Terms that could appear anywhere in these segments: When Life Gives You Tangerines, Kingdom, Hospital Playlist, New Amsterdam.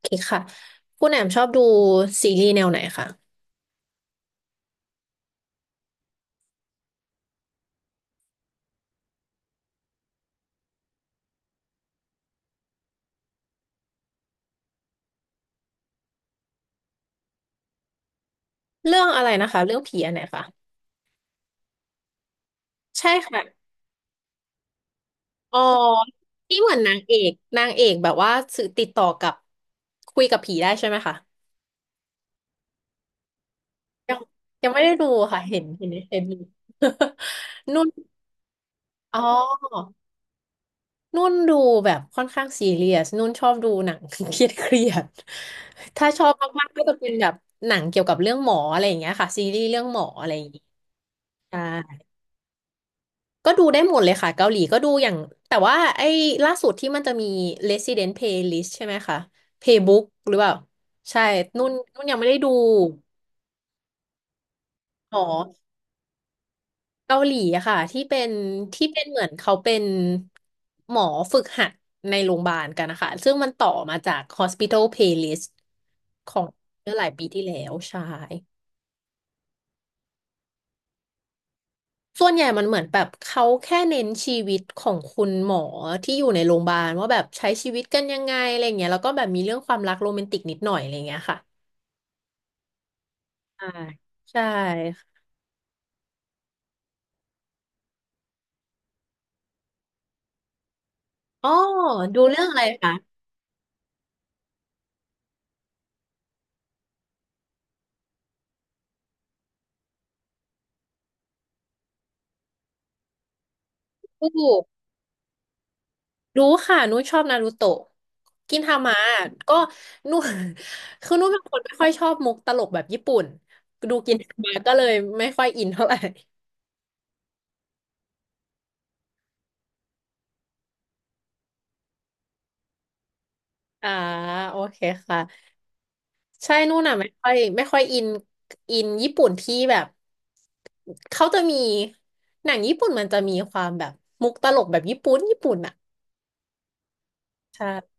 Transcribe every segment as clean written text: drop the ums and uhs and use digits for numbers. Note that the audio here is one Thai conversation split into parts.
เคค่ะคุณแอมชอบดูซีรีส์แนวไหนคะเรื่องอะไรนะคะเรื่องผีอันไหนคะใช่ค่ะอ๋อที่เหมือนนางเอกแบบว่าสื่อติดต่อกับคุยกับผีได้ใช่ไหมคะยังยังไม่ได้ดูค่ะเห็น นุ่นอ๋อนุ่นดูแบบค่อนข้างซีเรียสนุ่นชอบดูหนัง เครียดถ้าชอบมากๆก็จะเป็นแบบหนังเกี่ยวกับเรื่องหมออะไรอย่างเงี้ยค่ะซีรีส์เรื่องหมออะไรอย่างงี้ใช่ ก็ดูได้หมดเลยค่ะเกาหลีก็ดูอย่างแต่ว่าไอ้ล่าสุดที่มันจะมี Resident Playlist ใช่ไหมคะ Playbook หรือเปล่าใช่นุ่นยังไม่ได้ดูหมอเกาหลีอะค่ะที่เป็นเหมือนเขาเป็นหมอฝึกหัดในโรงพยาบาลกันนะคะซึ่งมันต่อมาจาก Hospital Playlist ของเมื่อหลายปีที่แล้วใช่ ส่วนใหญ่มันเหมือนแบบเขาแค่เน้นชีวิตของคุณหมอที่อยู่ในโรงพยาบาลว่าแบบใช้ชีวิตกันยังไงอะไรเงี้ยแล้วก็แบบมีเรื่องความรักโรแมนติกนิดหน่อยอะไรเงี้ยค่ะอ่าใช่อ๋อดูเรื่องอะไรคะดูรู้ค่ะนุ้ชอบนารูโตะกินทามะก็นุ้ คือนุ้ยเป็นคนไม่ค่อยชอบมุกตลกแบบญี่ปุ่นดูกินทามะก็เลยไม่ค่อยอินเท่าไหร่อ่าโอเคค่ะ ใช่นู่นอ่ะไม่ค่อยอินอินญี่ปุ่นที่แบบเขาจะมีหนังญี่ปุ่นมันจะมีความแบบมุกตลกแบบญี่ปุ่นอ่ะใช่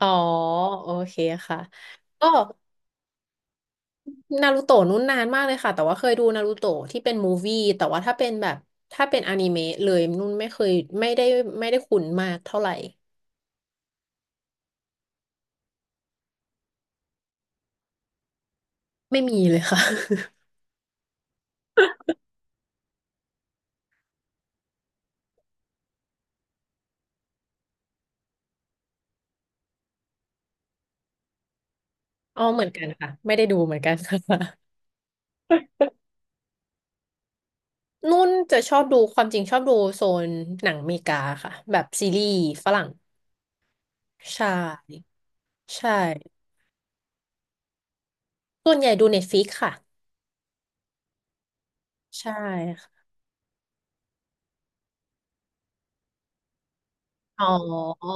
อ๋อโอเคค่ะก็นารูโตะนู้นนานมากเลยค่ะแต่ว่าเคยดูนารูโตะที่เป็นมูฟวี่แต่ว่าถ้าเป็นแบบถ้าเป็นอนิเมะเลยนุ่นไม่เคยไม่ได้ไม่ได้คุ้นมากเท่าไหร่ไม่มีเลยค่ะ อ๋อเหมือนกันค่ะไม่ได้ดูเหมือนกันค่ะ นุ่นจะชอบดูความจริงชอบดูโซนหนังอเมริกาค่ะแบบซีรีส์ฝรั่งใช่ใช่ส่วนใหญ่ดูเน็ตฟ i ิกค่ะใช่ค่ะอ๋อ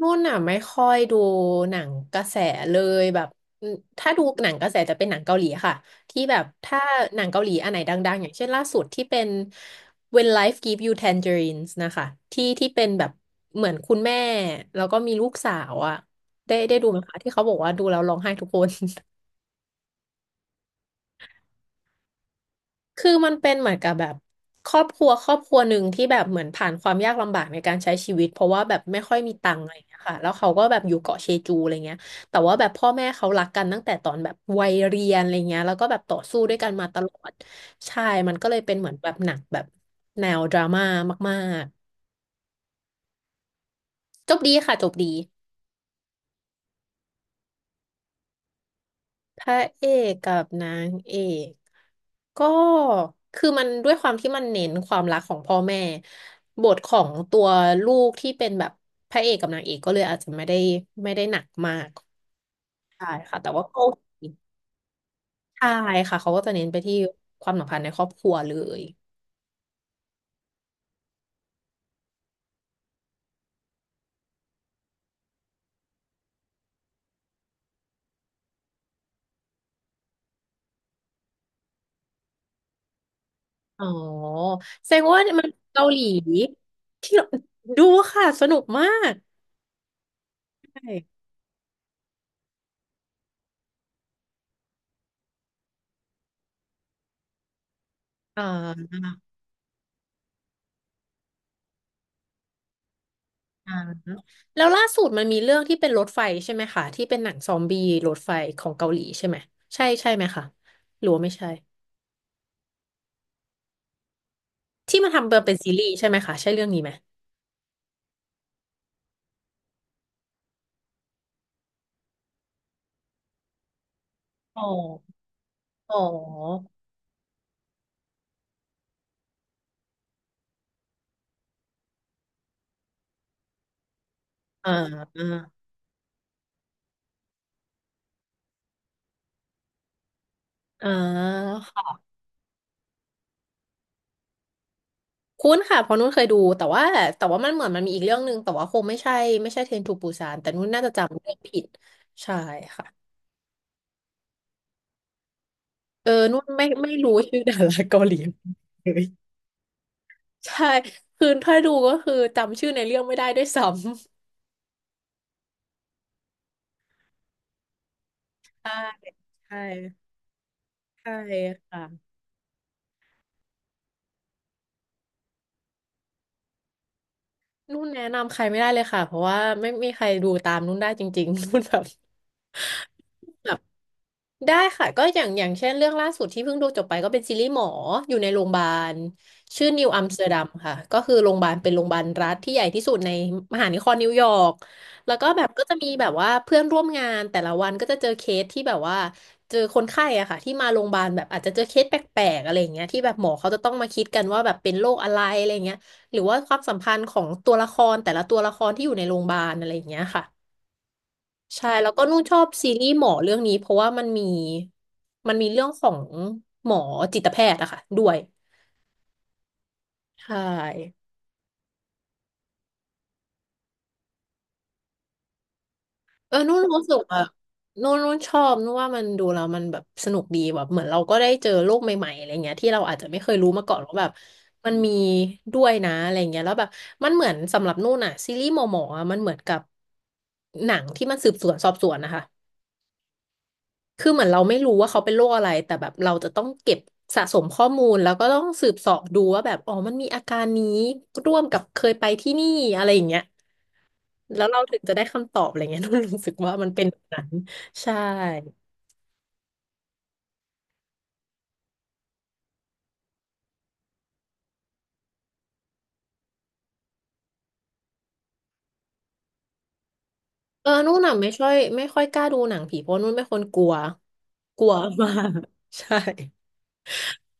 นุ่นอ่ะไม่ค่อยดูหนังกระแสเลยแบบอืมถ้าดูหนังกระแสจะเป็นหนังเกาหลีค่ะที่แบบถ้าหนังเกาหลีอันไหนดังๆอย่างเช่นล่าสุดที่เป็น When Life Gives You Tangerines นะคะที่เป็นแบบเหมือนคุณแม่แล้วก็มีลูกสาวอ่ะได้ดูไหมคะที่เขาบอกว่าดูแล้วร้องไห้ทุกคน คือมันเป็นเหมือนกับแบบครอบครัวหนึ่งที่แบบเหมือนผ่านความยากลำบากในการใช้ชีวิตเพราะว่าแบบไม่ค่อยมีตังค์อะไรอย่างเงี้ยค่ะแล้วเขาก็แบบอยู่เกาะเชจูอะไรเงี้ยแต่ว่าแบบพ่อแม่เขารักกันตั้งแต่ตอนแบบวัยเรียนอะไรเงี้ยแล้วก็แบบต่อสู้ด้วยกันมาตลอดใช่มันก็เลยเป็นเหมือนแบบหนักแบบแนวดราม่ามากๆจบดีค่ะจบดี พระเอกกับนางเอกก็คือมันด้วยความที่มันเน้นความรักของพ่อแม่บทของตัวลูกที่เป็นแบบพระเอกกับนางเอกก็เลยอาจจะไม่ได้หนักมากใช่ค่ะแต่ว่าก็โอเคใช่ค่ะเขาก็จะเน้นไปที่ความสัมพันธ์ในครอบครัวเลยอ๋อแสดงว่ามันเกาหลีที่ดูค่ะสนุกมากใช่อ่า อ่าแล้วล่าสุดมันมีเรื่องที่เป็นรถไฟใช่ไหมคะที่เป็นหนังซอมบี้รถไฟของเกาหลีใช่ไหมใช่ใช่ไหมคะหรือว่าไม่ใช่ที่มันทำเป็นซีรีส์ใช่ไหมคะใช่เรื่องนี้ไหมอ๋ออ๋ออ่าอ่าอ่าค่ะคุ้นค่ะเพราะนุ่นเคยดูแต่ว่ามันเหมือนมันมีอีกเรื่องหนึ่งแต่ว่าคงไม่ใช่ไม่ใช่เทรนทูปูซานแต่นุ่นน่าจะจำเรื่องผิดใช่ค่ะเออนุ่นไม่รู้ชื่อดาราเกาหลีเลยใช่คือถ้าดูก็คือจำชื่อในเรื่องไม่ได้ด้วยซ้ำ ใช่ใช่ใช่ค่ะนุ่นแนะนำใครไม่ได้เลยค่ะเพราะว่าไม่มีใครดูตามนุ่นได้จริงๆ นุ่นแบบ ได้ค่ะก็อย่างอย่างเช่นเรื่องล่าสุดที่เพิ่งดูจบไปก็เป็นซีรีส์หมออยู่ในโรงพยาบาลชื่อนิวอัมสเตอร์ดัมค่ะก็คือโรงพยาบาลเป็นโรงพยาบาลรัฐที่ใหญ่ที่สุดในมหานครนิวยอร์กแล้วก็แบบก็จะมีแบบว่าเพื่อนร่วมงานแต่ละวันก็จะเจอเคสที่แบบว่าเจอคนไข้อะค่ะที่มาโรงพยาบาลแบบอาจจะเจอเคสแปลกๆอะไรอย่างเงี้ยที่แบบหมอเขาจะต้องมาคิดกันว่าแบบเป็นโรคอะไรอะไรอย่างเงี้ยหรือว่าความสัมพันธ์ของตัวละครแต่ละตัวละครที่อยู่ในโรงพยาบาลอะไรอย่างเงี้ยค่ะ ใช่แล้วก็นุ่นชอบซีรีส์หมอเรื่องนี้เพราะว่ามันมีเรื่องของหมอจิตแพทย์อะค่ะด้วยใช่เออนุ่นรู้สึกอะนุ่นชอบนุ่นว่ามันดูแล้วมันแบบสนุกดีแบบเหมือนเราก็ได้เจอโลกใหม่ๆอะไรเงี้ยที่เราอาจจะไม่เคยรู้มาก่อนว่าแบบมันมีด้วยนะอะไรเงี้ยแล้วแบบมันเหมือนสำหรับนุ่นอะซีรีส์หมอหมออะมันเหมือนกับหนังที่มันสืบสวนสอบสวนนะคะ คือเหมือนเราไม่รู้ว่าเขาเป็นโรคอะไรแต่แบบเราจะต้องเก็บสะสมข้อมูลแล้วก็ต้องสืบเสาะดูว่าแบบอ๋อมันมีอาการนี้ร่วมกับเคยไปที่นี่อะไรอย่างเงี้ยแล้วเราถึงจะได้คำตอบอะไรเงี้ย นุ่นรู้สึกว่ามันเป็นแบบนั้นใช่เออนุ่นน่ะไม่ช่อยไม่ค่อยกล้าดูหนังผีเพราะนุ่นเป็นคนกลัวกลัวมาก ใช่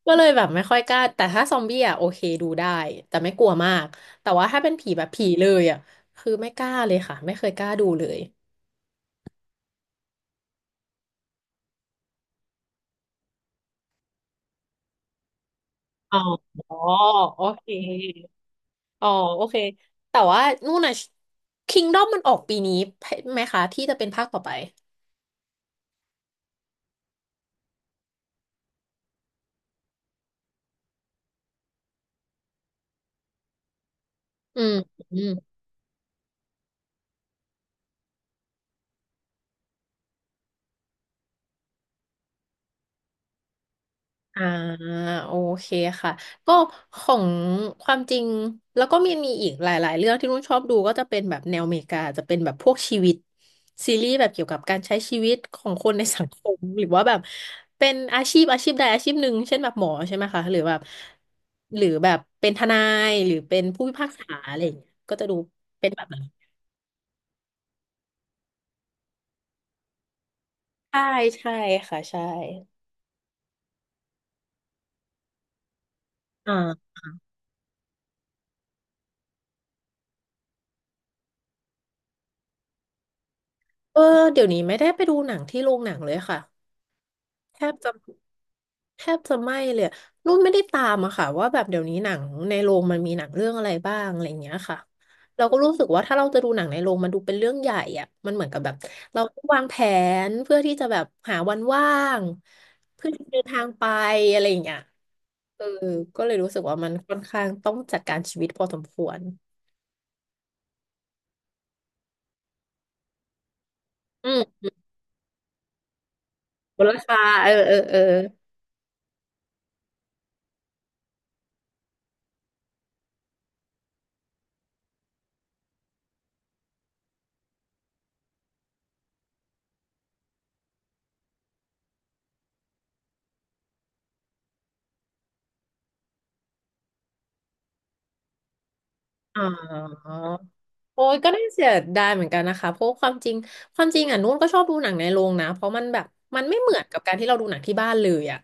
ก็เลยแบบไม่ค่อยกล้าแต่ถ้าซอมบี้อ่ะโอเคดูได้แต่ไม่กลัวมากแต่ว่าถ้าเป็นผีแบบผีเลยอ่ะคือไม่กล้าเลยค่ะไม่เคยกล้าดูเลย อ๋อ โอเค อ๋อ โอเค แต่ว่านู่นน่ะ Kingdom มันออกปีนี้ไหมคะที่จะเป็นภาคต่อไปอืมอืม อ่าโอเคค่ะก็ของความจริงแล้วก็มีมีอีกหลายๆเรื่องที่นุ่นชอบดูก็จะเป็นแบบแนวอเมริกาจะเป็นแบบพวกชีวิตซีรีส์แบบเกี่ยวกับการใช้ชีวิตของคนในสังคมหรือว่าแบบเป็นอาชีพอาชีพใดอาชีพหนึ่งเช่นแบบหมอใช่ไหมคะหรือแบบเป็นทนายหรือเป็นผู้พิพากษาอะไรอย่างเงี้ยก็จะดูใช่ใช่ค่ะใช่อ่าเออเดี๋ยวนี้ไม่ได้ไปดูหนังที่โรงหนังเลยค่ะแทบจะ แทบจะไม่เลยอะนุ่นไม่ได้ตามอะค่ะว่าแบบเดี๋ยวนี้หนังในโรงมันมีหนังเรื่องอะไรบ้างอะไรอย่างเงี้ยค่ะเราก็รู้สึกว่าถ้าเราจะดูหนังในโรงมันดูเป็นเรื่องใหญ่อะมันเหมือนกับแบบเราต้องวางแผนเพื่อที่จะแบบหาวันว่างเพื่อที่จะเดินทางไปอะไรอย่างเงี้ยเออก็เลยรู้สึกว่ามันค่อนข้างต้องจัดการชีวิตพอสมควรอืมมูลค่าเออเออเอออ๋อ โอ้ยก็น่าเสียดายเหมือนกันนะคะเพราะความจริงอ่ะนุ่นก็ชอบดูหนังในโรงนะเพราะมันแบบมันไม่เหมือนกับการที่เราดูหนังที่บ้านเลยอ่ะ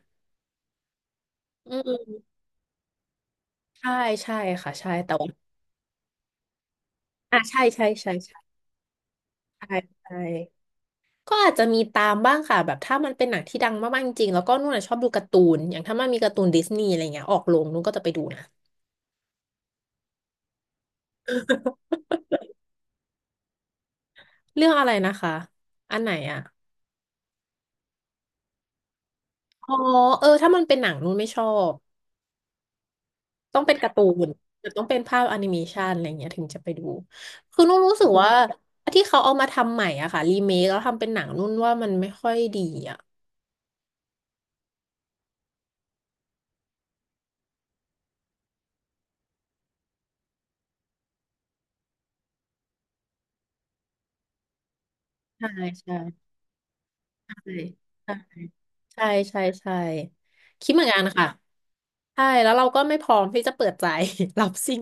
อืมใช่ใช่ค่ะใช่แต่ว่าอ่ะใช่ใช่ใช่ใช่ใช่ใช่ก็อาจจะมีตามบ้างค่ะแบบถ้ามันเป็นหนังที่ดังมากๆจริงๆแล้วก็นุ่นอะชอบดูการ์ตูนอย่างถ้ามันมีการ์ตูนดิสนีย์อะไรเงี้ยออกโรงนุ่นก็จะไปดูนะเรื่องอะไรนะคะอันไหนอ่ะอ๋อเออถ้ามันเป็นหนังนุ่นไม่ชอบ ต้องเป็นการ์ตูนหรือต้องเป็นภาพแอนิเมชันอะไรเงี้ยถึงจะไปดูคือนุ่นรู้สึกว่าที่เขาเอามาทำใหม่อ่ะค่ะรีเมคแล้วทำเป็นหนังนุ่นว่ามันไม่ค่อยดีอ่ะใช่ใช่ใช่ใช่ใช่ใช่ใช่คิดเหมือนกันค่ะใช่แล้วเราก็ไม่พร้อมที่จะเปิดใจ รับสิ่ง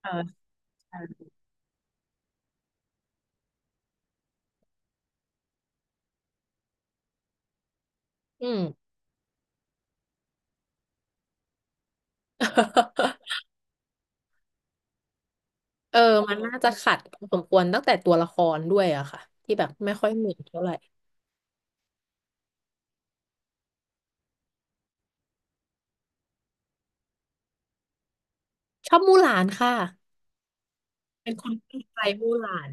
เออใช่อืม เออมันน่าจะขัดสมควรตั้งแต่ตัวละครด้วยอะค่ะที่แบบไม่ค่อยเหมือนเท่าไหร่ชอบมู่หลานค่ะเป็นคนที่ใจมู่หลาน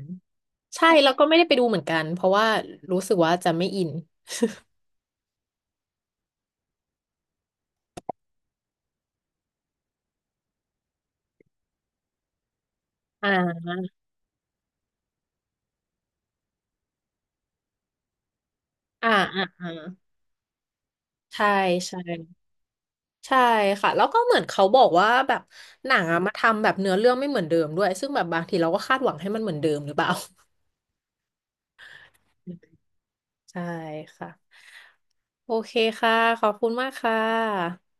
ใช่แล้วก็ไม่ได้ไปดูเหมือนกันเพราะว่ารู้สึกว่าจะไม่อินอ่าอ่าอ่าอ่าใช่ใช่ใช่ค่ะแล้วก็เหมือนเขาบอกว่าแบบหนังอะมาทำแบบเนื้อเรื่องไม่เหมือนเดิมด้วยซึ่งแบบบางทีเราก็คาดหวังให้มันเหมือนเดิมหรือเปล่า ใช่ค่ะโอเคค่ะขอบคุณมากค่ะ